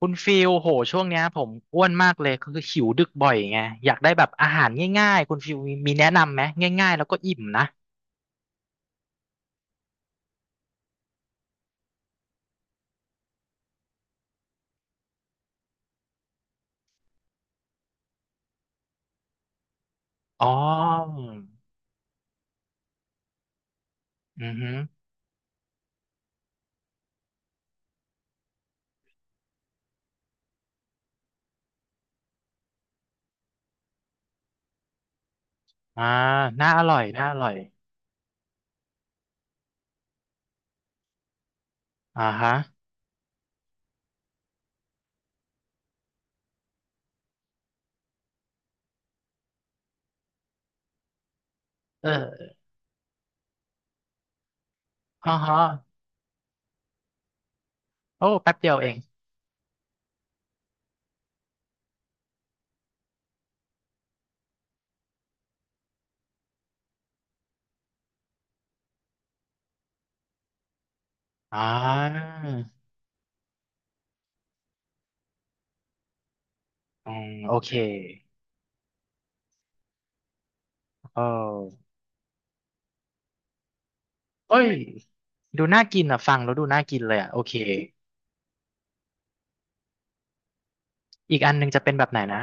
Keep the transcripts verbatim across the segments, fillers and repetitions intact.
คุณฟิลโห ช่วงเนี้ยผมอ้วนมากเลย คือหิวดึกบ่อยไงอยากได้แบบอาหารง่ายๆ คุณฟิลมีมีแนะนำไหมง่ายๆแล้วก็อิ่มนะอ๋ออือฮึอ่าน่าอร่อย น่าอร่อยอ่าฮะเอออ๋อฮะโอ้แป๊บเดียวเองอ่าอืมโอเคเออเอ้ยดูน่ากินอ่ะฟังแล้วดูน่ากินเลยอ่ะ โอเค อีกอันหนึงจะเป็นแบบไหนนะ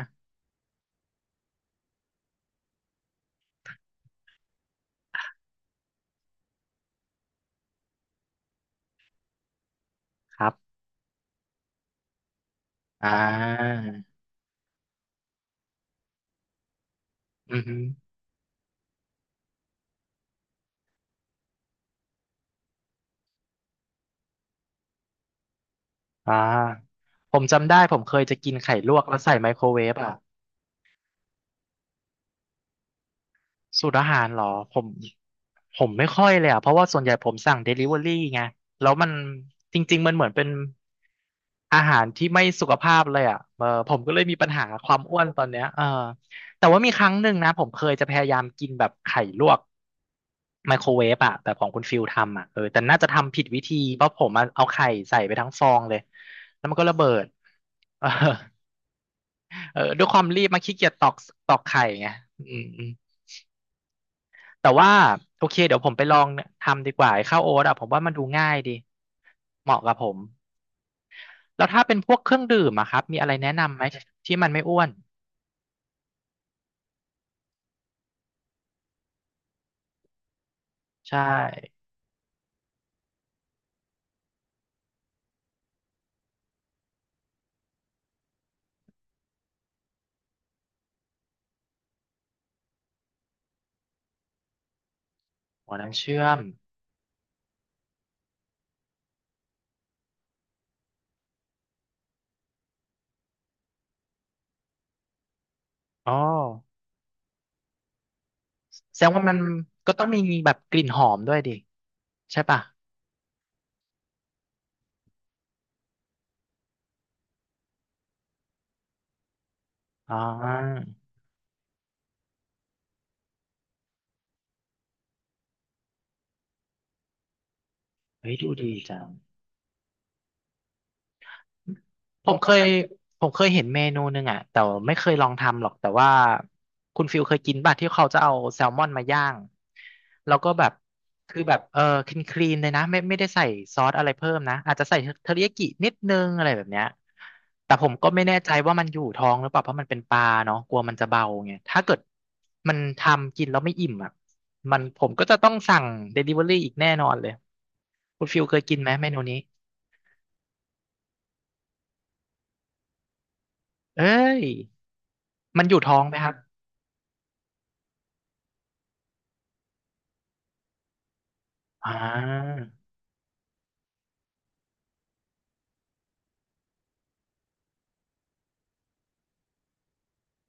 ครับอ่าอือฮึ อ่าผมจำได้ผมเคยจะกินไข่ลวกแล้วใส่ไมโครเวฟอ่ะสูตรอาหารเหรอผมผมไม่ค่อยเลยอ่ะเพราะว่าส่วนใหญ่ผมสั่งเดลิเวอรี่ไงแล้วมันจริงๆมันเหมือนเป็นอาหารที่ไม่สุขภาพเลยอ่ะเออผมก็เลยมีปัญหาความอ้วนตอนเนี้ยเออแต่ว่ามีครั้งหนึ่งนะผมเคยจะพยายามกินแบบไข่ลวกไมโครเวฟอ่ะแบบของคุณฟิลทำอ่ะเออแต่น่าจะทำผิดวิธีเพราะผมอะเอาไข่ใส่ไปทั้งฟองเลยแล้วมันก็ระเบิด เออ เออด้วยความรีบมาขี้เกียจตอกตอกไข่ไงอืมอืมแต่ว่าโอเคเดี๋ยวผมไปลองทำดีกว่าไอ้ข้าวโอ๊ตอ่ะผมว่ามันดูง่ายดีเหมาะกับผมแล้วถ้าเป็นพวกเครื่องดื่มอะครับมีอะไรแนะนำไหมที่มันไม่อ้วนใช่หัวน้ำเชื่อมอ๋อแสดงว่ามันก็ต้องมีแบบกลิ่นหอมด้วยดิใช่ป่ะอ๋อเฮ้ยดูดีจัง ผมเคยผมเคยเห็นเมนูหนึ่งอ่ะแต่ไม่เคยลองทำหรอกแต่ว่าคุณฟิลเคยกินป่ะที่เขาจะเอาแซลมอนมาย่างแล้วก็แบบคือแบบเออคลีนคลีนเลยนะไม่ไม่ได้ใส่ซอสอะไรเพิ่มนะอาจจะใส่เทอริยากินิดนึงอะไรแบบเนี้ยแต่ผมก็ไม่แน่ใจว่ามันอยู่ท้องหรือเปล่าเพราะมันเป็นปลาเนาะกลัวมันจะเบาไงถ้าเกิดมันทำกินแล้วไม่อิ่มอ่ะมันผมก็จะต้องสั่งเดลิเวอรี่อีกแน่นอนเลยคุณฟิลเคยกินไหมเมนูนี้เอ้ย มันอยู่ท้องไหมครับอ่า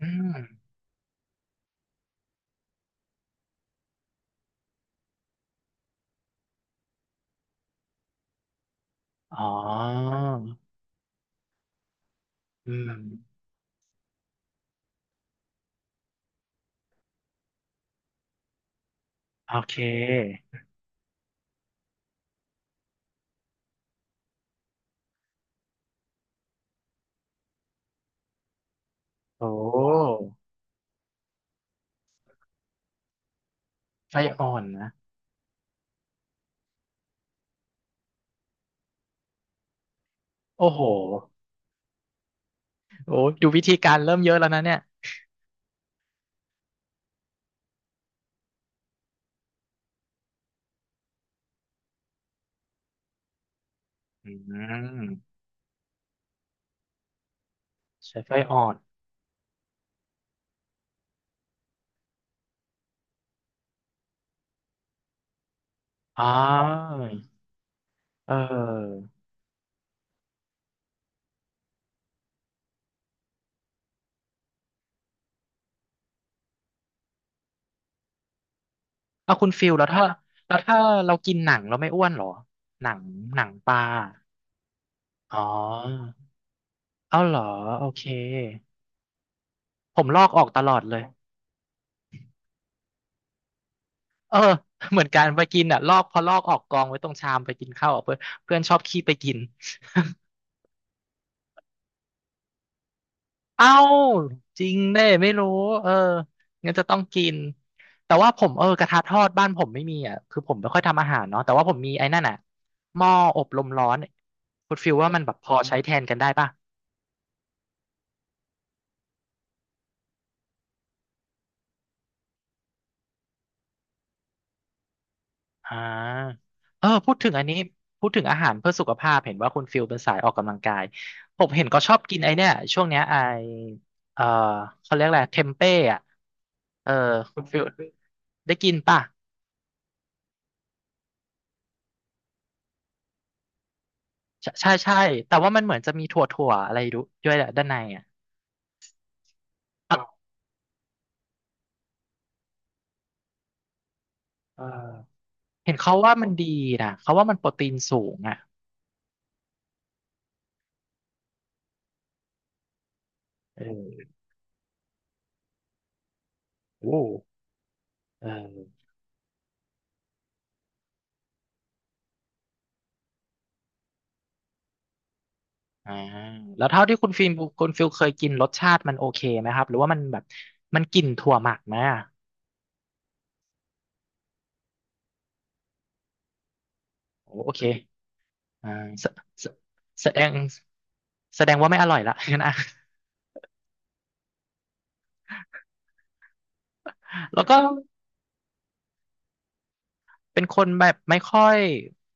อืมอ๋ออืมโอเคโอ้ไส้อ่อนนะ โอ้โหโอ้ดูวิธีการเริ่มเยอะแล้วนะเนี่ยอืมใช้ไส้อ่อนอ๋อเออเอาคุณฟิลแล้วถ้าแล้วถ้าเรากินหนังเราไม่อ้วนเหรอ หนังหนังปลาอ๋อเอาเหรอโอเค ผมลอกออกตลอดเลย เออ เหมือนกันไปกินอ่ะลอกพอลอกออกกองไว้ตรงชามไปกินข้าวอะเพื่อนเพื่อนชอบขี้ไปกิน เอ้าจริงเน่ไม่รู้เอองั้นจะต้องกินแต่ว่าผมเออกระทะทอดบ้านผมไม่มีอ่ะคือผมไม่ค่อยทำอาหารเนาะแต่ว่าผมมีไอ้นั่นอ่ะหม้ออบลมร้อนคุณฟิลว่ามันแบบพอใช้แทนกันได้ป่ะอ่าเออพูดถึงอันนี้พูดถึงอาหารเพื่อสุขภาพเห็นว่าคุณฟิลเป็นสายออกกำลังกายผมเห็นก็ชอบกินไอ้เนี่ยช่วงเนี้ยไอเอ่อเขาเรียกอะไรเทมเป้อะ เออคุณฟิลได้กินป่ะใช่ใช่ใช่แต่ว่ามันเหมือนจะมีถั่วถั่วอะไรดูด้วยแหละด้านในอ่ะอ่ะเออเห็นเขาว่ามันดีนะเขาว่ามันโปรตีนสูงอ่ะเออโอ้เอออ่าแล้วเท่าที่คุณฟิลมคุณฟิลเคยกินรสชาติมันโอเคไหมครับหรือว่ามันแบบมันกลิ่นถั่วหมักไหมอ่ะโอ้โอเคอ่าแสแสแสดงแสดงว่าไม่อร่อยละ งั้นอ่ะแล้วก็ เป็นคนแบบไม่ค่อย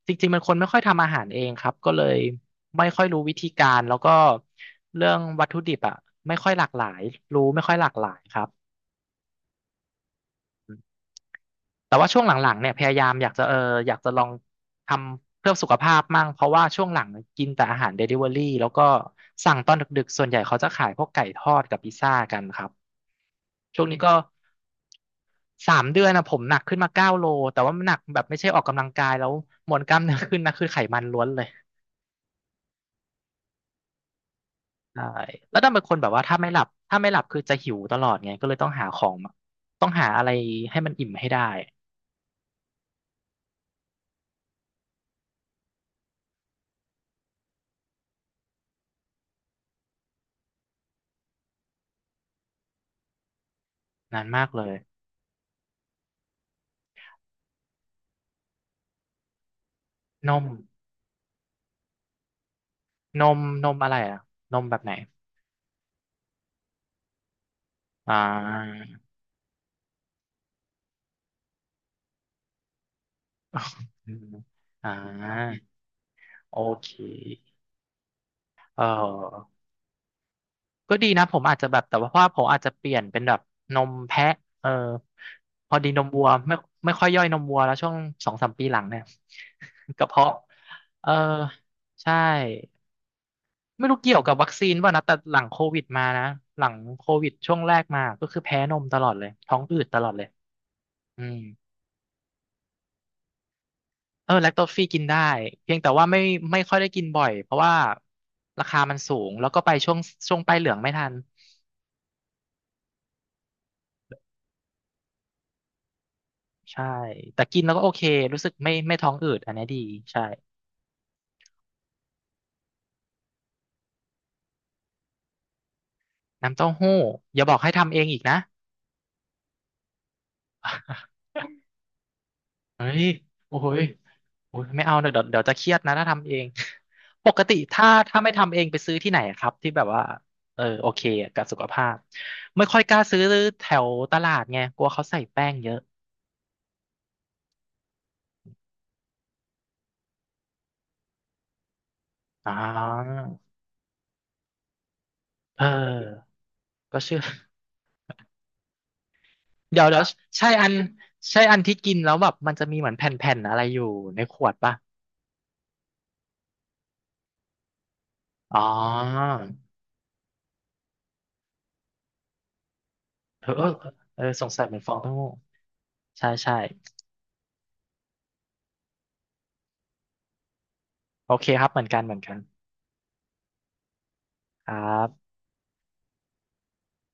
จริงๆเป็นคนไม่ค่อยทำอาหารเองครับก็เลยไม่ค่อยรู้วิธีการแล้วก็เรื่องวัตถุดิบอ่ะไม่ค่อยหลากหลายรู้ไม่ค่อยหลากหลายครับแต่ว่าช่วงหลังๆเนี่ยพยายามอยากจะเอออยากจะลองทำเพื่อสุขภาพมั่งเพราะว่าช่วงหลังกินแต่อาหารเดลิเวอรี่แล้วก็สั่งตอนดึกๆส่วนใหญ่เขาจะขายพวกไก่ทอดกับพิซซ่ากันครับช่วงนี้ก็สามเดือนนะผมหนักขึ้นมาเก้าโลแต่ว่ามันหนักแบบไม่ใช่ออกกำลังกายแล้วมวลกล้ามเนื้อขึ้นนะคือไขมันล้วนเลย ใช่แล้วดันเป็นคนแบบว่าถ้าไม่หลับถ้าไม่หลับคือจะหิวตลอดไงก็เลยต้องหาของต้องหาอะไรให้มันอิ่มให้ได้นานมากเลยนมนมนมอะไรอ่ะนมแบบไหนอ่าอืมอ่าโอเคเออก็ดีนะผมอาจจะแบบแต่ว่าเพราะว่าผมอาจจะเปลี่ยนเป็นแบบนมแพะเออพอดีนมวัวไม่ไม่ค่อยย่อยนมวัวแล้วช่วงสองสามปีหลังเนี่ย กระเพาะเออใช่ ไม่รู้เกี่ยวกับวัคซีนป่ะนะแต่หลังโควิดมานะหลังโควิดช่วงแรกมาก็คือแพ้นมตลอดเลยท้องอืดตลอดเลยอืมเออแลคโตฟรีกินได้เพียงแต่ว่าไม่ไม่ค่อยได้กินบ่อยเพราะว่าราคามันสูงแล้วก็ไปช่วงช่วงป้ายเหลืองไม่ทันใช่แต่กินแล้วก็โอเครู้สึกไม่ไม่ท้องอืดอันนี้ดีใช่น้ำเต้าหู้อย่าบอกให้ทำเองอีกนะ เฮ้ยโอ้ยโอ้ยไม่เอาเดี๋ยวเดี๋ยวเดี๋ยวจะเครียดนะถ้าทำเอง ปกติถ้าถ้าไม่ทำเองไปซื้อที่ไหนครับที่แบบว่าเออโอเคกับสุขภาพไม่ค่อยกล้าซื้อแถวตลาดไงกลัวเขาใส่แป้งเยอะอ่าเออก็เชื่อ เดี๋ยวเดี๋ยวใช่อันใช่อันที่กินแล้วแบบมันจะมีเหมือนแผ่นๆอะไรอยู่ในขวดป่ะอ๋อเออเออเออสงสัยเหมือนฟองเต้าหู้ใช่ใช่โอเคครับเหมือนกันเหมือนกันครับ